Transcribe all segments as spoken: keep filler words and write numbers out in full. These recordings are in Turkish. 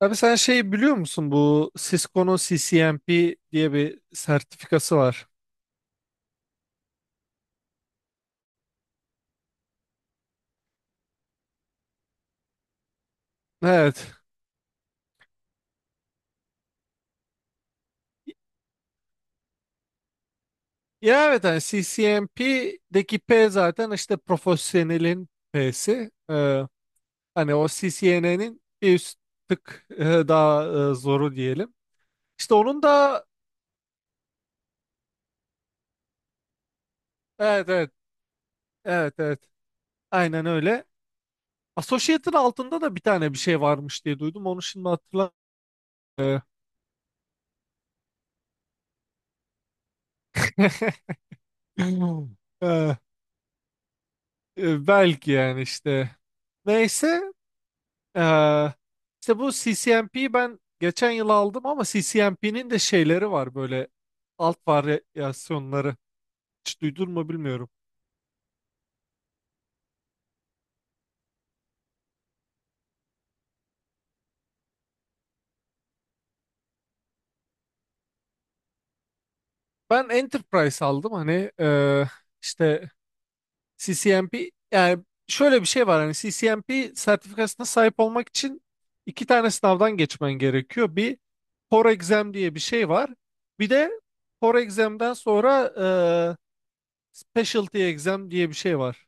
Abi sen şey biliyor musun, bu Cisco'nun C C N P diye bir sertifikası var. Evet. Ya evet hani C C N P'deki P zaten işte profesyonelin P'si. Ee, hani o C C N A'nın bir üst tık e, daha e, zoru diyelim. İşte onun da evet evet evet evet aynen öyle. Associate'ın altında da bir tane bir şey varmış diye duydum. Onu şimdi hatırlamıyorum. Ee, e, e, belki yani işte. Neyse. Ee, işte bu C C M P'yi ben geçen yıl aldım ama C C M P'nin de şeyleri var böyle, alt varyasyonları. Hiç duydun mu bilmiyorum. Ben Enterprise aldım hani, e, işte C C M P. Yani şöyle bir şey var, hani C C M P sertifikasına sahip olmak için iki tane sınavdan geçmen gerekiyor. Bir, Core Exam diye bir şey var. Bir de Core Exam'den sonra e, Specialty Exam diye bir şey var.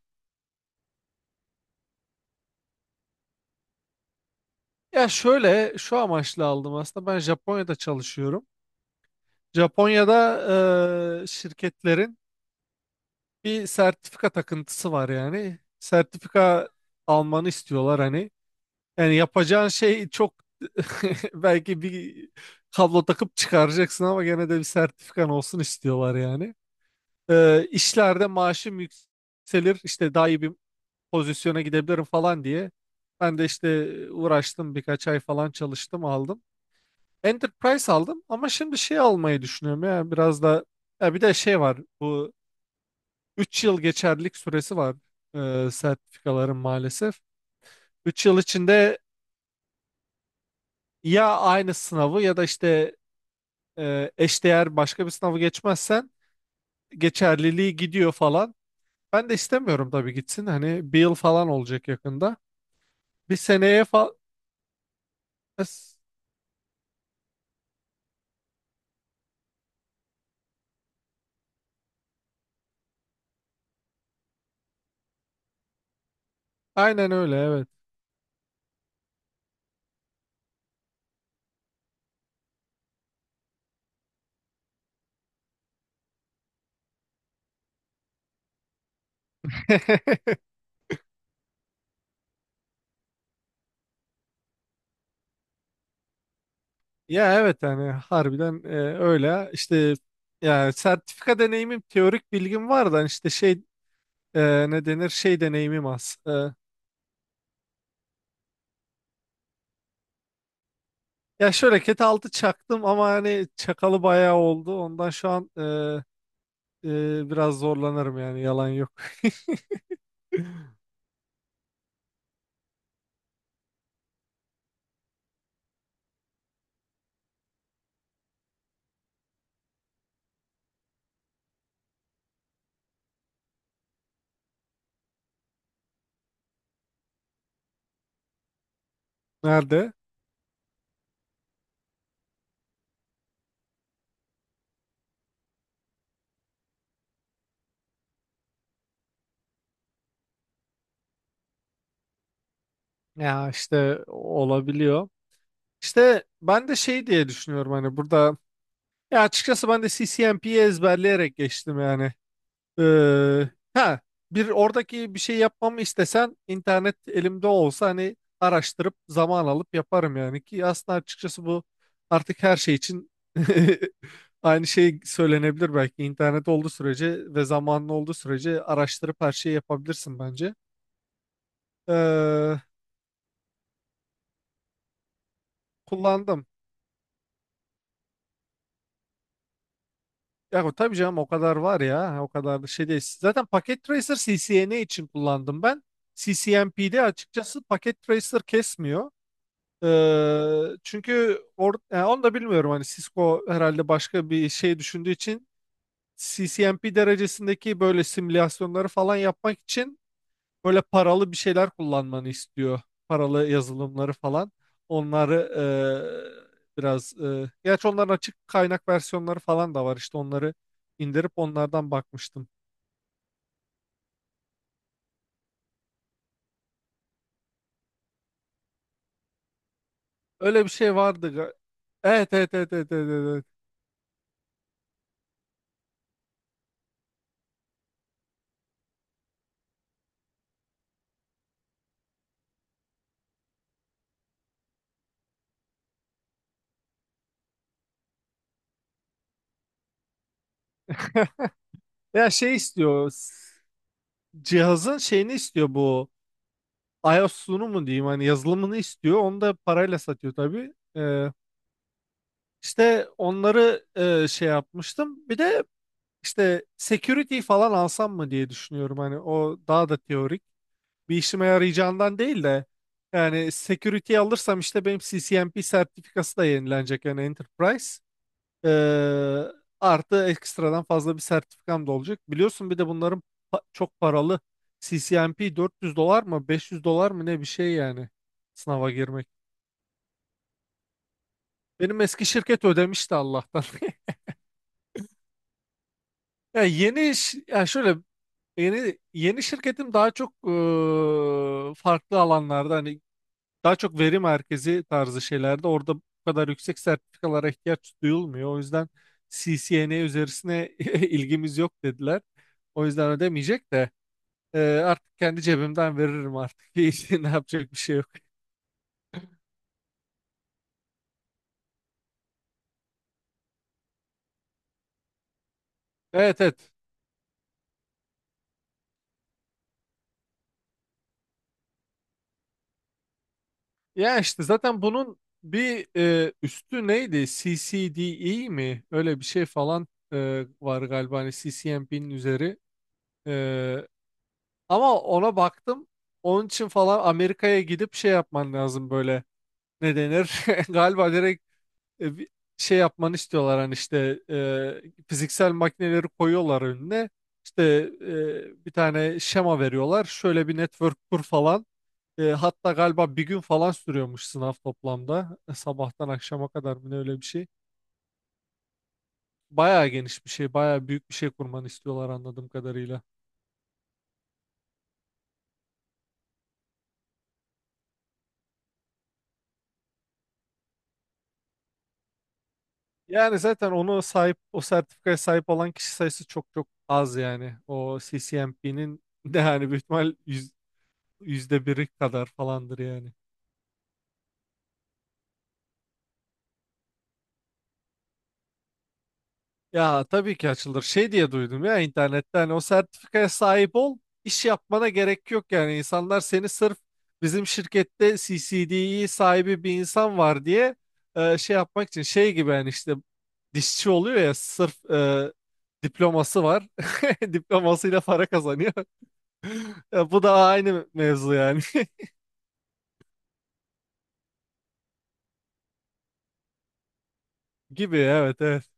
Ya şöyle şu amaçla aldım, aslında ben Japonya'da çalışıyorum. Japonya'da eee, şirketlerin bir sertifika takıntısı var yani. Sertifika almanı istiyorlar hani. Yani yapacağın şey çok, belki bir kablo takıp çıkaracaksın ama gene de bir sertifikan olsun istiyorlar yani. Eee işlerde maaşım yükselir, işte daha iyi bir pozisyona gidebilirim falan diye. Ben de işte uğraştım, birkaç ay falan çalıştım, aldım. Enterprise aldım ama şimdi şey almayı düşünüyorum, ya biraz da, ya bir de şey var, bu üç yıl geçerlilik süresi var e, sertifikaların maalesef. Üç yıl içinde ya aynı sınavı ya da işte e, eşdeğer başka bir sınavı geçmezsen geçerliliği gidiyor falan. Ben de istemiyorum tabii gitsin, hani bir yıl falan olacak yakında. Bir seneye falan aynen öyle, evet. Ya evet hani harbiden e, öyle işte, yani sertifika deneyimim, teorik bilgim var da hani işte şey, e, ne denir, şey deneyimim az. E, ya şöyle ket altı çaktım ama hani çakalı bayağı oldu, ondan şu an e, e, biraz zorlanırım yani, yalan yok. Nerede? Ya işte olabiliyor. İşte ben de şey diye düşünüyorum, hani burada, ya açıkçası ben de C C M P'yi ezberleyerek geçtim yani. Ee, ha bir, oradaki bir şey yapmamı istesen, internet elimde olsa hani araştırıp zaman alıp yaparım yani, ki aslında açıkçası bu artık her şey için aynı şey söylenebilir belki, internet olduğu sürece ve zamanlı olduğu sürece araştırıp her şeyi yapabilirsin bence. Ee, kullandım. Ya tabii canım, o kadar var ya, o kadar da şey değil. Zaten Packet Tracer C C N A için kullandım ben. C C N P'de açıkçası Packet Tracer kesmiyor. Ee, çünkü or, yani onu da bilmiyorum, hani Cisco herhalde başka bir şey düşündüğü için C C N P derecesindeki böyle simülasyonları falan yapmak için böyle paralı bir şeyler kullanmanı istiyor. Paralı yazılımları falan. Onları ee, biraz ee, gerçi onların açık kaynak versiyonları falan da var, işte onları indirip onlardan bakmıştım. Öyle bir şey vardı. ga- Evet evet evet evet evet. Evet. Evet. Ya şey istiyor s- cihazın şeyini istiyor bu. iOS'unu mu diyeyim, hani yazılımını istiyor. Onu da parayla satıyor tabii. Ee, işte onları e, şey yapmıştım. Bir de işte security falan alsam mı diye düşünüyorum. Hani o daha da teorik. Bir işime yarayacağından değil de, yani security alırsam işte benim C C N P sertifikası da yenilenecek yani, Enterprise. Ee, artı ekstradan fazla bir sertifikam da olacak. Biliyorsun bir de bunların pa- çok paralı. C C N P dört yüz dolar mı beş yüz dolar mı ne, bir şey yani sınava girmek. Benim eski şirket ödemişti Allah'tan. Ya yeni ş- ya şöyle, yeni yeni şirketim daha çok eee, farklı alanlarda hani. Daha çok veri merkezi tarzı şeylerde, orada bu kadar yüksek sertifikalara ihtiyaç duyulmuyor. O yüzden C C N A üzerisine ilgimiz yok dediler. O yüzden ödemeyecek de e, artık kendi cebimden veririm artık. Hiç. Ne yapacak bir şey yok. Evet, evet. Ya işte zaten bunun bir e, üstü neydi? C C D E mi? Öyle bir şey falan e, var galiba, hani C C N P'nin üzeri. E, ama ona baktım. Onun için falan Amerika'ya gidip şey yapman lazım böyle. Ne denir? Galiba direkt e, bir şey yapmanı istiyorlar, hani işte e, fiziksel makineleri koyuyorlar önüne. İşte e, bir tane şema veriyorlar. Şöyle bir network kur falan. E, hatta galiba bir gün falan sürüyormuş sınav toplamda. E, sabahtan akşama kadar mı ne, öyle bir şey. Bayağı geniş bir şey, bayağı büyük bir şey kurmanı istiyorlar anladığım kadarıyla. Yani zaten onu sahip, o sertifikaya sahip olan kişi sayısı çok çok az yani. O C C M P'nin de yani büyük ihtimal yüzde biri kadar falandır yani. Ya tabii ki açılır. Şey diye duydum ya internette, hani o sertifikaya sahip ol, iş yapmana gerek yok yani. İnsanlar seni sırf bizim şirkette C C D'yi sahibi bir insan var diye e, şey yapmak için şey gibi yani, işte dişçi oluyor ya sırf e, diploması var. Diplomasıyla para kazanıyor. Ya bu da aynı mevzu yani. gibi, evet evet.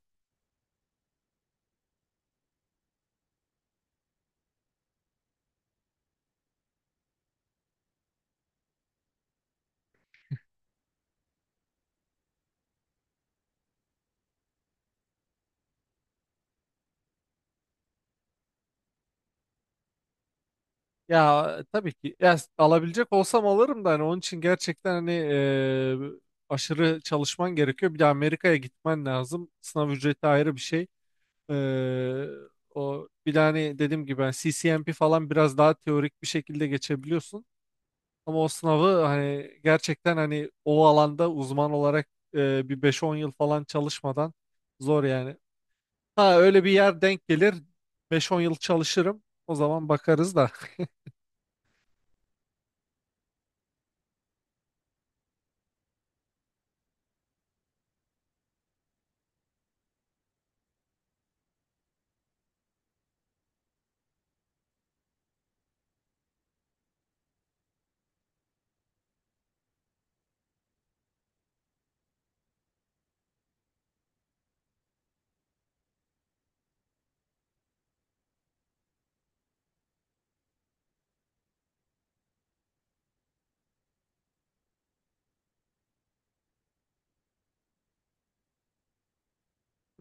Ya tabii ki ya, alabilecek olsam alırım da, hani onun için gerçekten hani e, aşırı çalışman gerekiyor. Bir de Amerika'ya gitmen lazım. Sınav ücreti ayrı bir şey. E, o bir de hani dediğim gibi, hani C C M P falan biraz daha teorik bir şekilde geçebiliyorsun. Ama o sınavı hani gerçekten hani o alanda uzman olarak e, bir beş-on yıl falan çalışmadan zor yani. Ha öyle bir yer denk gelir, beş-on yıl çalışırım. O zaman bakarız da.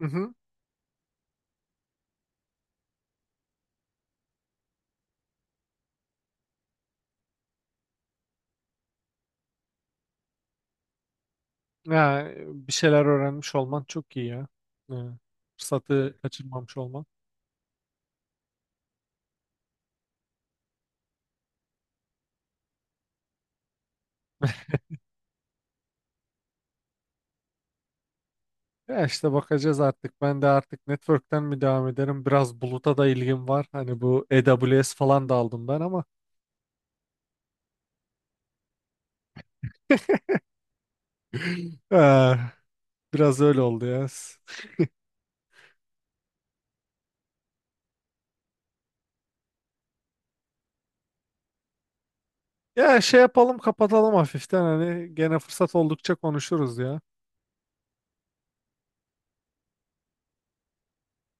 Hı hı. Ya, bir şeyler öğrenmiş olman çok iyi ya. Ya, fırsatı kaçırmamış olman. Ya işte bakacağız artık. Ben de artık network'ten mi devam ederim? Biraz buluta da ilgim var. Hani bu A W S falan da aldım ben ama eh, biraz öyle oldu ya. Ya şey yapalım, kapatalım hafiften, hani gene fırsat oldukça konuşuruz ya.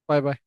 Bay bay.